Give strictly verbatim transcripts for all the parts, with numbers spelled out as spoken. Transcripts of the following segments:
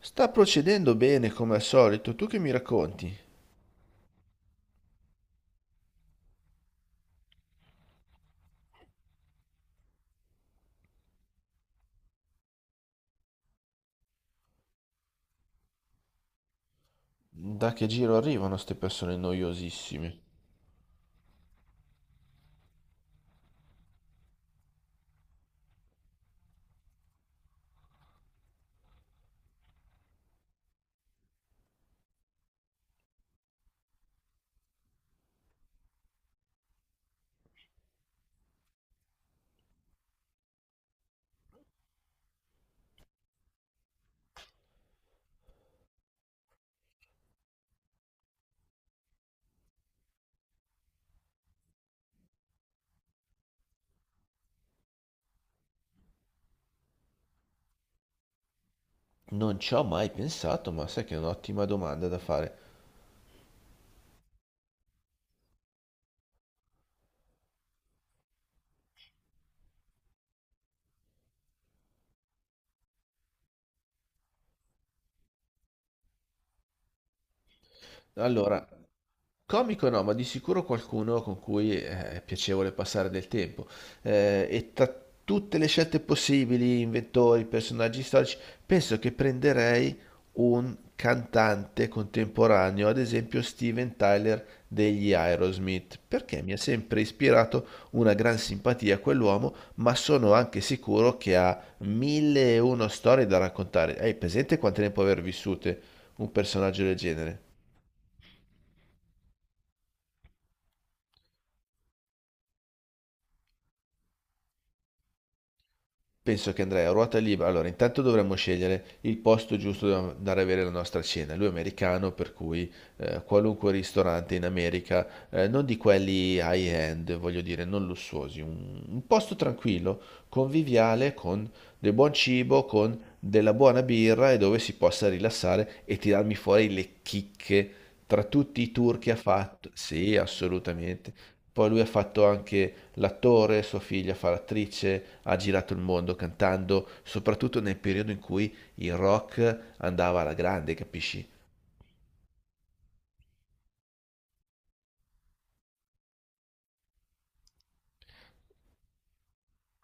Sta procedendo bene come al solito, tu che mi racconti? Da che giro arrivano ste persone noiosissime? Non ci ho mai pensato, ma sai che è un'ottima domanda da fare. Allora, comico no, ma di sicuro qualcuno con cui eh, è piacevole passare del tempo. Eh, e tra tutte le scelte possibili, inventori, personaggi storici, penso che prenderei un cantante contemporaneo, ad esempio Steven Tyler degli Aerosmith, perché mi ha sempre ispirato una gran simpatia a quell'uomo, ma sono anche sicuro che ha mille e uno storie da raccontare. Hai presente quante ne può aver vissute un personaggio del genere? Penso che andrei a ruota libera. Allora, intanto dovremmo scegliere il posto giusto dove andare a avere la nostra cena. Lui è americano, per cui eh, qualunque ristorante in America, eh, non di quelli high-end, voglio dire, non lussuosi, un, un posto tranquillo, conviviale, con del buon cibo, con della buona birra e dove si possa rilassare e tirarmi fuori le chicche tra tutti i tour che ha fatto. Sì, assolutamente. Poi lui ha fatto anche l'attore, sua figlia fa l'attrice, ha girato il mondo cantando, soprattutto nel periodo in cui il rock andava alla grande, capisci?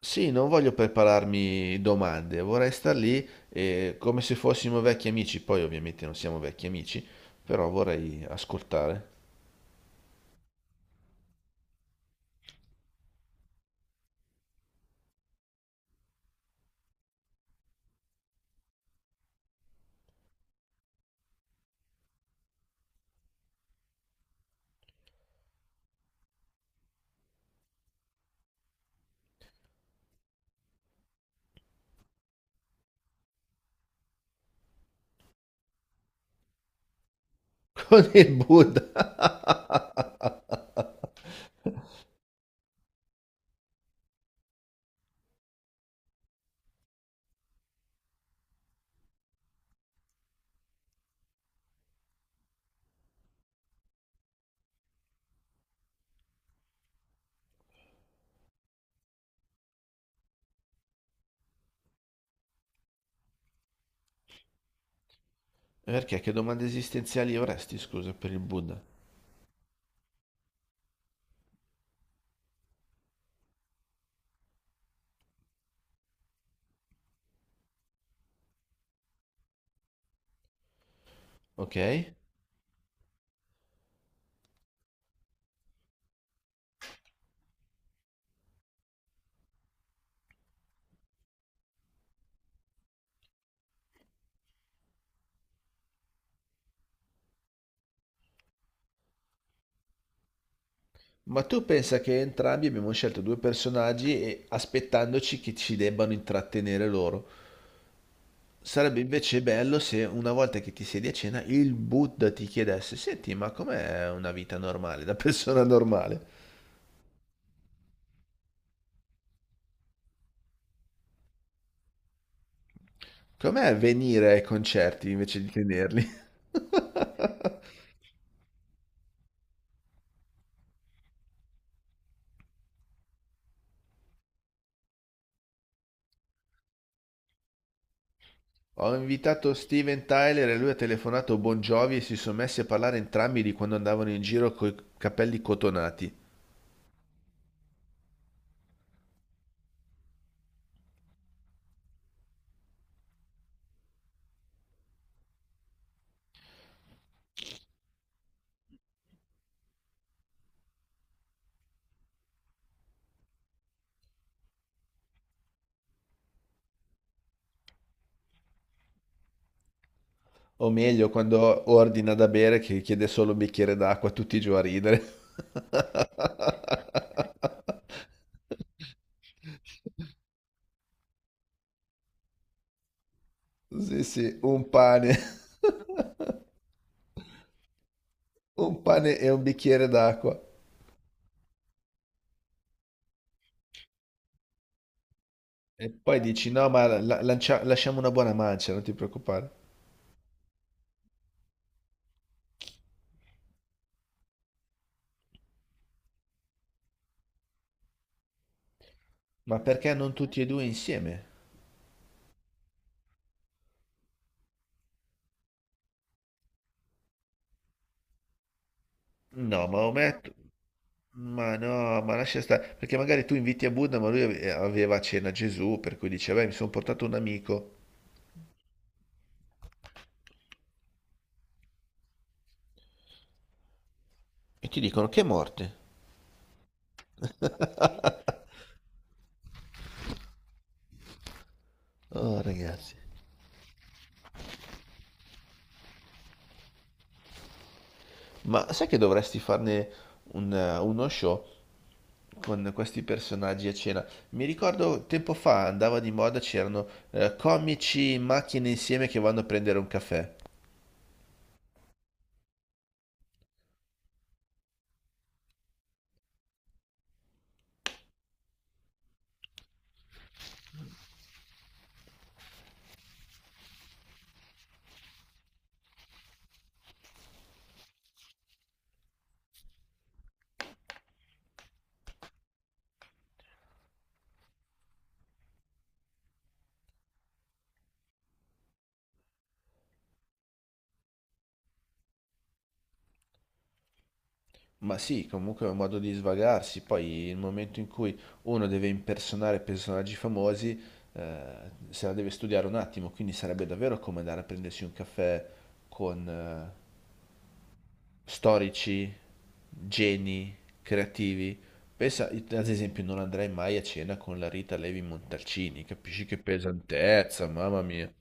Sì, non voglio prepararmi domande, vorrei star lì eh, come se fossimo vecchi amici, poi ovviamente non siamo vecchi amici, però vorrei ascoltare. Con il Buddha. Perché che domande esistenziali avresti, scusa, per il Buddha? Ok? Ma tu pensa che entrambi abbiamo scelto due personaggi e aspettandoci che ci debbano intrattenere loro. Sarebbe invece bello se una volta che ti siedi a cena il Buddha ti chiedesse, senti, ma com'è una vita normale, da persona normale? Com'è venire ai concerti invece di tenerli? Ho invitato Steven Tyler e lui ha telefonato Bon Jovi e si sono messi a parlare entrambi di quando andavano in giro coi capelli cotonati. O meglio, quando ordina da bere che chiede solo un bicchiere d'acqua, tutti giù a ridere. Sì, sì, un pane. Un pane e un bicchiere d'acqua. E poi dici, no, ma la- lancia- lasciamo una buona mancia, non ti preoccupare. Ma perché non tutti e due insieme? No, ma ometto... Ma no, ma lascia stare. Perché magari tu inviti a Buddha, ma lui ave- aveva a cena Gesù, per cui dice, beh, mi sono portato un amico. E ti dicono, che morte. Oh, ragazzi. Ma sai che dovresti farne un- eh, uno show? Con questi personaggi a cena. Mi ricordo tempo fa andava di moda, c'erano eh, comici in macchina insieme che vanno a prendere un caffè. Ma sì, comunque è un modo di svagarsi. Poi il momento in cui uno deve impersonare personaggi famosi, eh, se la deve studiare un attimo, quindi sarebbe davvero come andare a prendersi un caffè con, eh, storici, geni, creativi. Pensa, ad esempio, non andrei mai a cena con la Rita Levi Montalcini, capisci che pesantezza, mamma mia.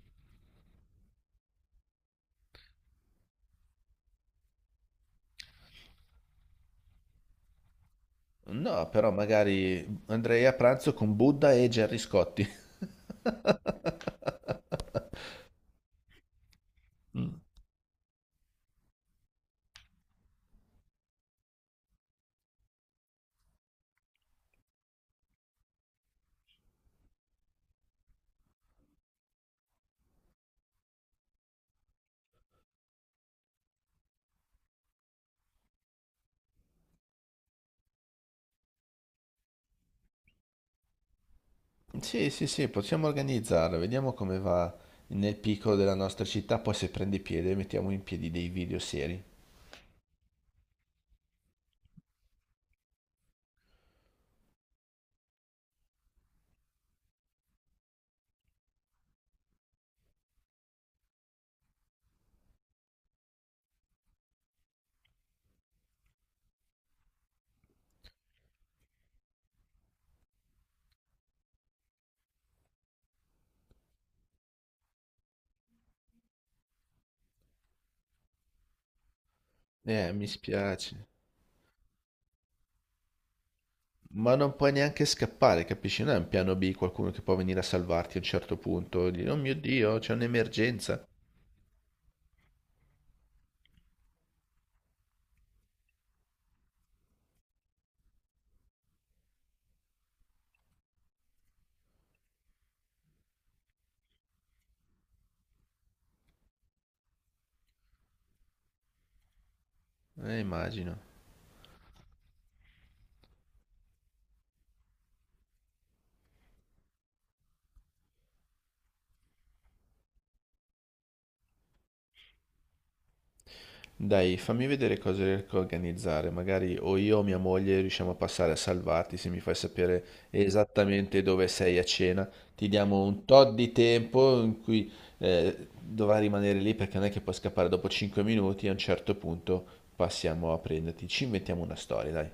No, però magari andrei a pranzo con Buddha e Gerry Scotti. Sì, sì, sì, possiamo organizzarlo, vediamo come va nel piccolo della nostra città, poi se prende piede mettiamo in piedi dei video seri. Eh, mi spiace. Ma non puoi neanche scappare, capisci? Non è un piano B, qualcuno che può venire a salvarti a un certo punto, e dire, oh mio Dio, c'è un'emergenza. Eh, immagino. Dai, fammi vedere cosa riesco a organizzare. Magari o io o mia moglie riusciamo a passare a salvarti se mi fai sapere esattamente dove sei a cena. Ti diamo un tot di tempo in cui eh, dovrai rimanere lì perché non è che puoi scappare dopo cinque minuti. A un certo punto passiamo a prenderti. Ci inventiamo una storia, dai.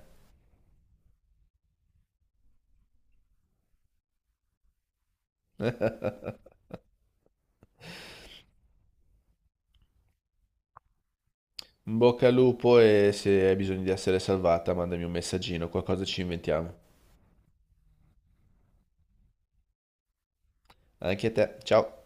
In bocca al lupo e se hai bisogno di essere salvata, mandami un messaggino, qualcosa ci inventiamo. Anche a te, ciao!